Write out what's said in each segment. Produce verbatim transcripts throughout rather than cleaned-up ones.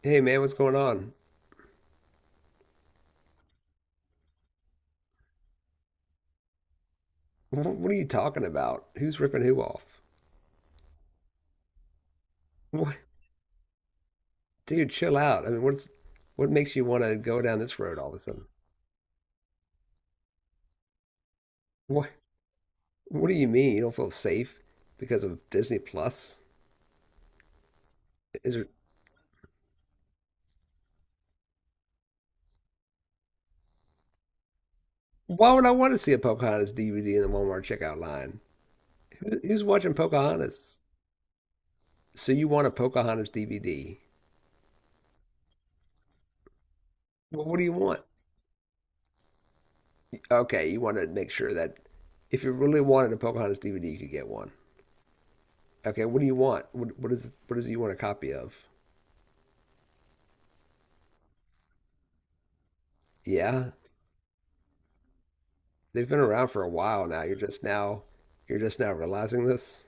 Hey man, what's going on? What are you talking about? Who's ripping who off? What? Dude, chill out. I mean, what's what makes you want to go down this road all of a sudden? What? What do you mean you don't feel safe because of Disney Plus? Is there, why would I want to see a Pocahontas D V D in the Walmart checkout line? Who, who's watching Pocahontas? So you want a Pocahontas D V D? Well, what do you want? Okay, you want to make sure that if you really wanted a Pocahontas D V D, you could get one. Okay, what do you want? What, what is what is it you want a copy of? Yeah, they've been around for a while now. You're just now you're just now realizing this.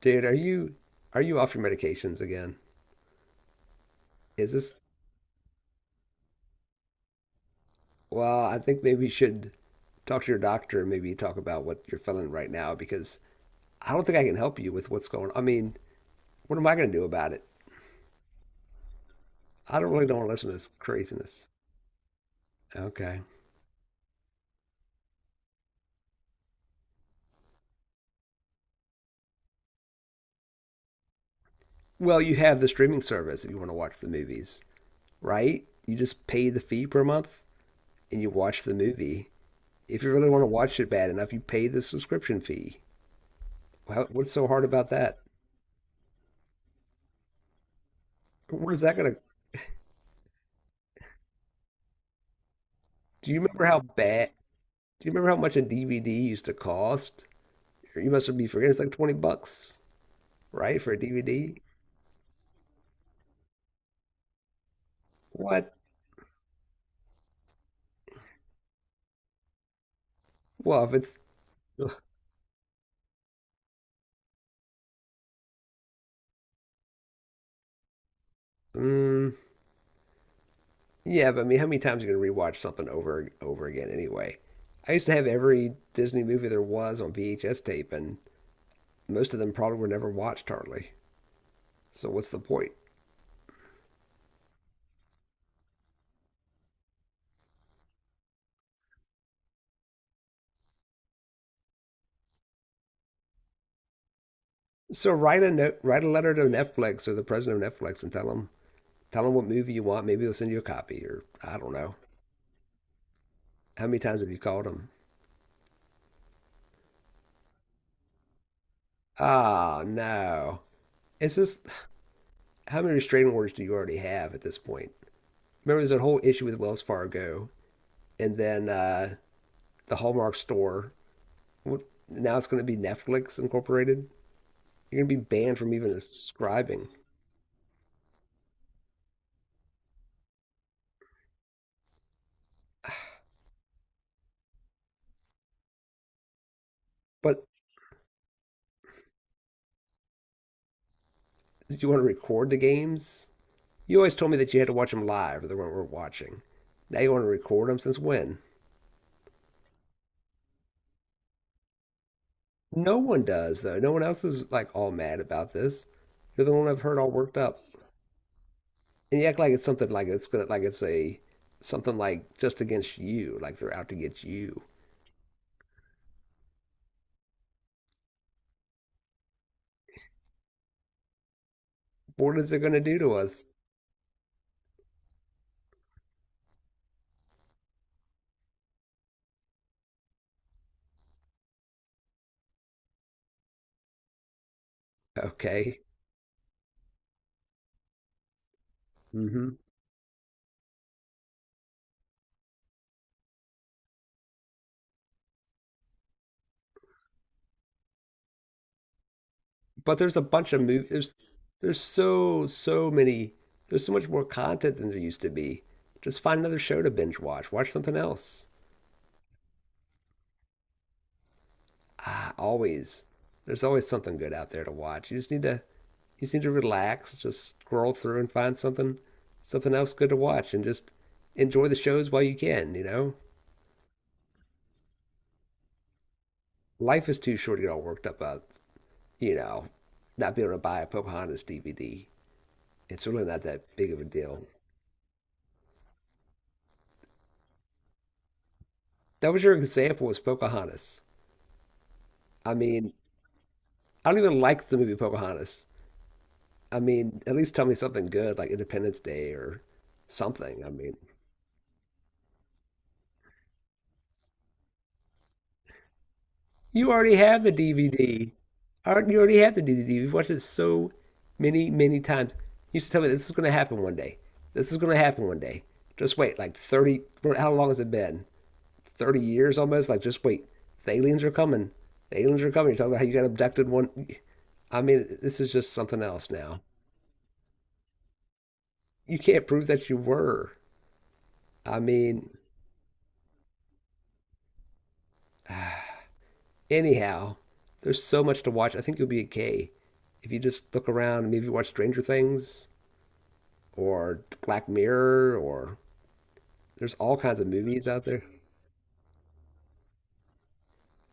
Dude, are you are you off your medications again? Is this well, I think maybe you should talk to your doctor and maybe talk about what you're feeling right now because I don't think I can help you with what's going on. I mean, what am I going to do about it? I don't really don't want to listen to this craziness. Okay. Well, you have the streaming service if you want to watch the movies, right? You just pay the fee per month and you watch the movie. If you really want to watch it bad enough, you pay the subscription fee. How, what's so hard about that? What is that gonna? Do you remember how bad? Do you remember how much a D V D used to cost? You must be forgetting. It's like twenty bucks, right, for a D V D? What? Well, if it's, mm, yeah, but I mean, how many times are you gonna rewatch something over and over again anyway? I used to have every Disney movie there was on V H S tape, and most of them probably were never watched hardly. So what's the point? So write a note, write a letter to Netflix or the president of Netflix, and tell them. Tell them what movie you want. Maybe they'll send you a copy, or I don't know. How many times have you called them? Ah, oh, no. It's just how many restraining orders do you already have at this point? Remember, there's a whole issue with Wells Fargo, and then uh, the Hallmark store. What, now it's going to be Netflix Incorporated. You're going to be banned from even subscribing. But did you want to record the games? You always told me that you had to watch them live, or they weren't worth watching. Now you want to record them since when? No one does, though. No one else is like all mad about this. You're the one I've heard all worked up. And you act like it's something like it's gonna like it's a something like just against you, like they're out to get you. What is it gonna do to us? Okay. Hmm. But there's a bunch of movies. There's there's so so many. There's so much more content than there used to be. Just find another show to binge watch. Watch something else. Ah, always. There's always something good out there to watch. You just need to you just need to relax, just scroll through and find something something else good to watch and just enjoy the shows while you can, you know? Life is too short to get all worked up about, you know, not being able to buy a Pocahontas D V D. It's really not that big of a deal. That was your example was Pocahontas. I mean, I don't even like the movie Pocahontas. I mean, at least tell me something good like Independence Day or something. I mean, you already have the D V D. Already- You already have the D V D. You've watched it so many, many times. You used to tell me this is going to happen one day. This is going to happen one day. Just wait, like thirty, well, how long has it been? thirty years almost? Like, just wait. The aliens are coming. The aliens are coming. You're talking about how you got abducted one. I mean, this is just something else now. You can't prove that you were. I mean, anyhow, there's so much to watch. I think you'll be okay if you just look around and maybe watch Stranger Things or Black Mirror or there's all kinds of movies out there.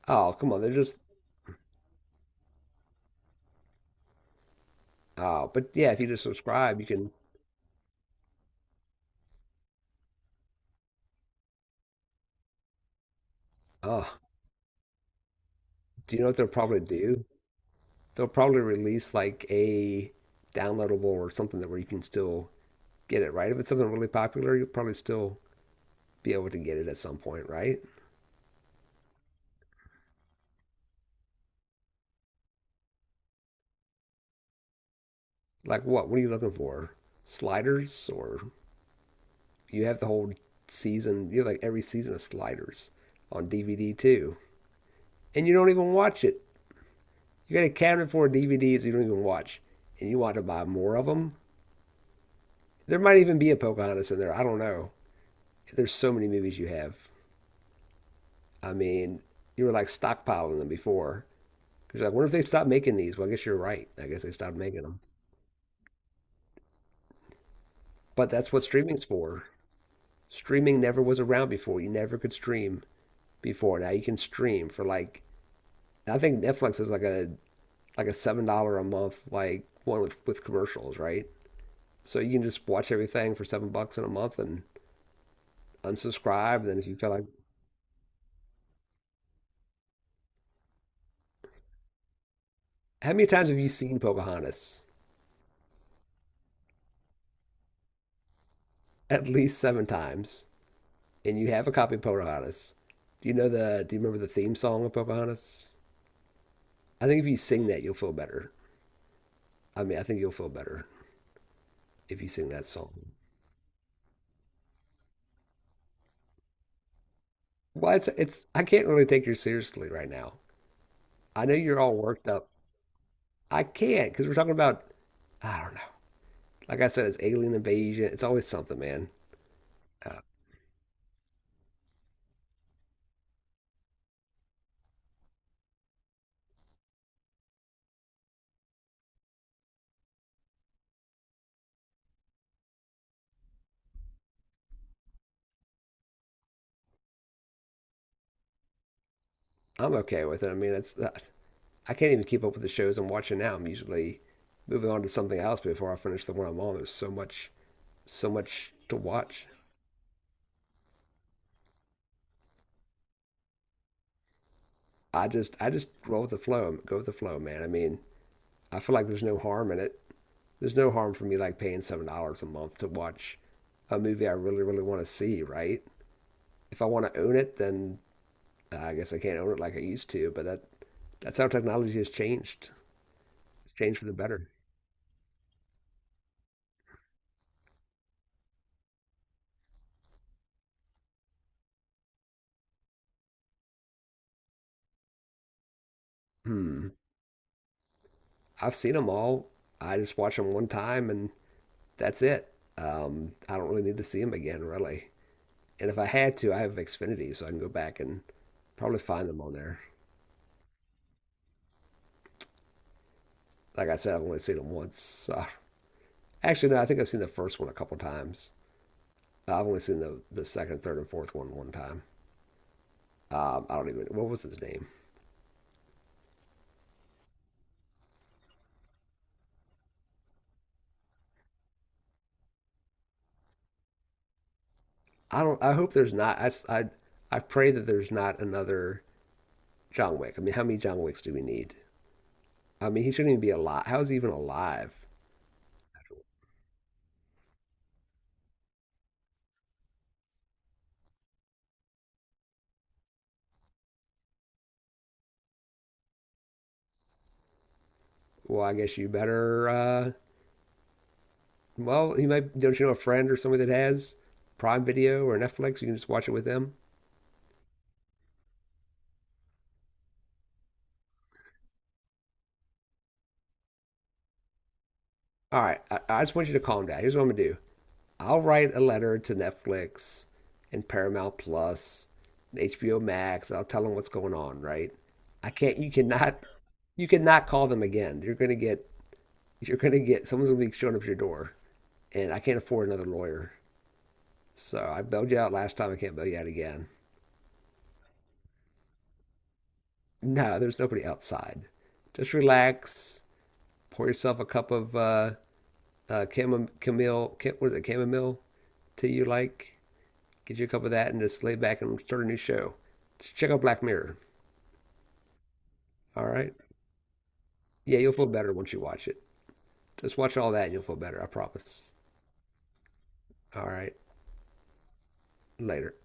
Oh, come on, they're just oh, but yeah, if you just subscribe, you can. Oh, do you know what they'll probably do? They'll probably release like a downloadable or something that where you can still get it, right? If it's something really popular, you'll probably still be able to get it at some point, right? Like what? What are you looking for? Sliders or you have the whole season, you have like every season of Sliders on D V D too. And you don't even watch it. You got a cabinet full of D V Ds you don't even watch, and you want to buy more of them. There might even be a Pocahontas in there. I don't know. There's so many movies you have. I mean, you were like stockpiling them before because you're like, what if they stop making these? Well, I guess you're right. I guess they stopped making them. But that's what streaming's for. Streaming never was around before. You never could stream before. Now you can stream for like I think Netflix is like a like a seven dollar a month like one with with commercials, right? So you can just watch everything for seven bucks in a month and unsubscribe. Then if you feel like, how many times have you seen Pocahontas? At least seven times. And you have a copy of Pocahontas. Do you know the? Do you remember the theme song of Pocahontas? I think if you sing that, you'll feel better. I mean, I think you'll feel better if you sing that song. Well, it's it's. I can't really take you seriously right now. I know you're all worked up. I can't because we're talking about. I don't know. Like I said, it's alien invasion. It's always something, man. Uh, I'm okay with it. I mean, it's. uh, I can't even keep up with the shows I'm watching now. I'm usually moving on to something else before I finish the one I'm on. There's so much, so much to watch. I just, I just roll with the flow. Go with the flow, man. I mean, I feel like there's no harm in it. There's no harm for me like paying seven dollars a month to watch a movie I really, really want to see. Right? If I want to own it, then uh, I guess I can't own it like I used to. But that, that's how technology has changed. It's changed for the better. Hmm. I've seen them all. I just watch them one time and that's it. Um, I don't really need to see them again, really. And if I had to, I have Xfinity, so I can go back and probably find them on there. Like I said, I've only seen them once. So. Actually, no, I think I've seen the first one a couple times. I've only seen the, the second, third, and fourth one one time. Um, I don't even what was his name. I don't. I hope there's not. I I I pray that there's not another John Wick. I mean, how many John Wicks do we need? I mean, he shouldn't even be alive. How is he even alive? Well, I guess you better uh, well, you might don't you know a friend or somebody that has Prime Video or Netflix? You can just watch it with them. All right, I, I just want you to calm down. Here's what I'm gonna do. I'll write a letter to Netflix and Paramount Plus and H B O Max. I'll tell them what's going on. Right? I can't. You cannot. You cannot call them again. You're gonna get. You're gonna get. Someone's gonna be showing up at your door, and I can't afford another lawyer. So I bailed you out last time. I can't bail you out again. No, there's nobody outside. Just relax. Pour yourself a cup of uh, uh, chamom- chamomile, cha- what is it, chamomile tea you like. Get you a cup of that and just lay back and start a new show. Check out Black Mirror. All right. Yeah, you'll feel better once you watch it. Just watch all that and you'll feel better. I promise. All right. Later.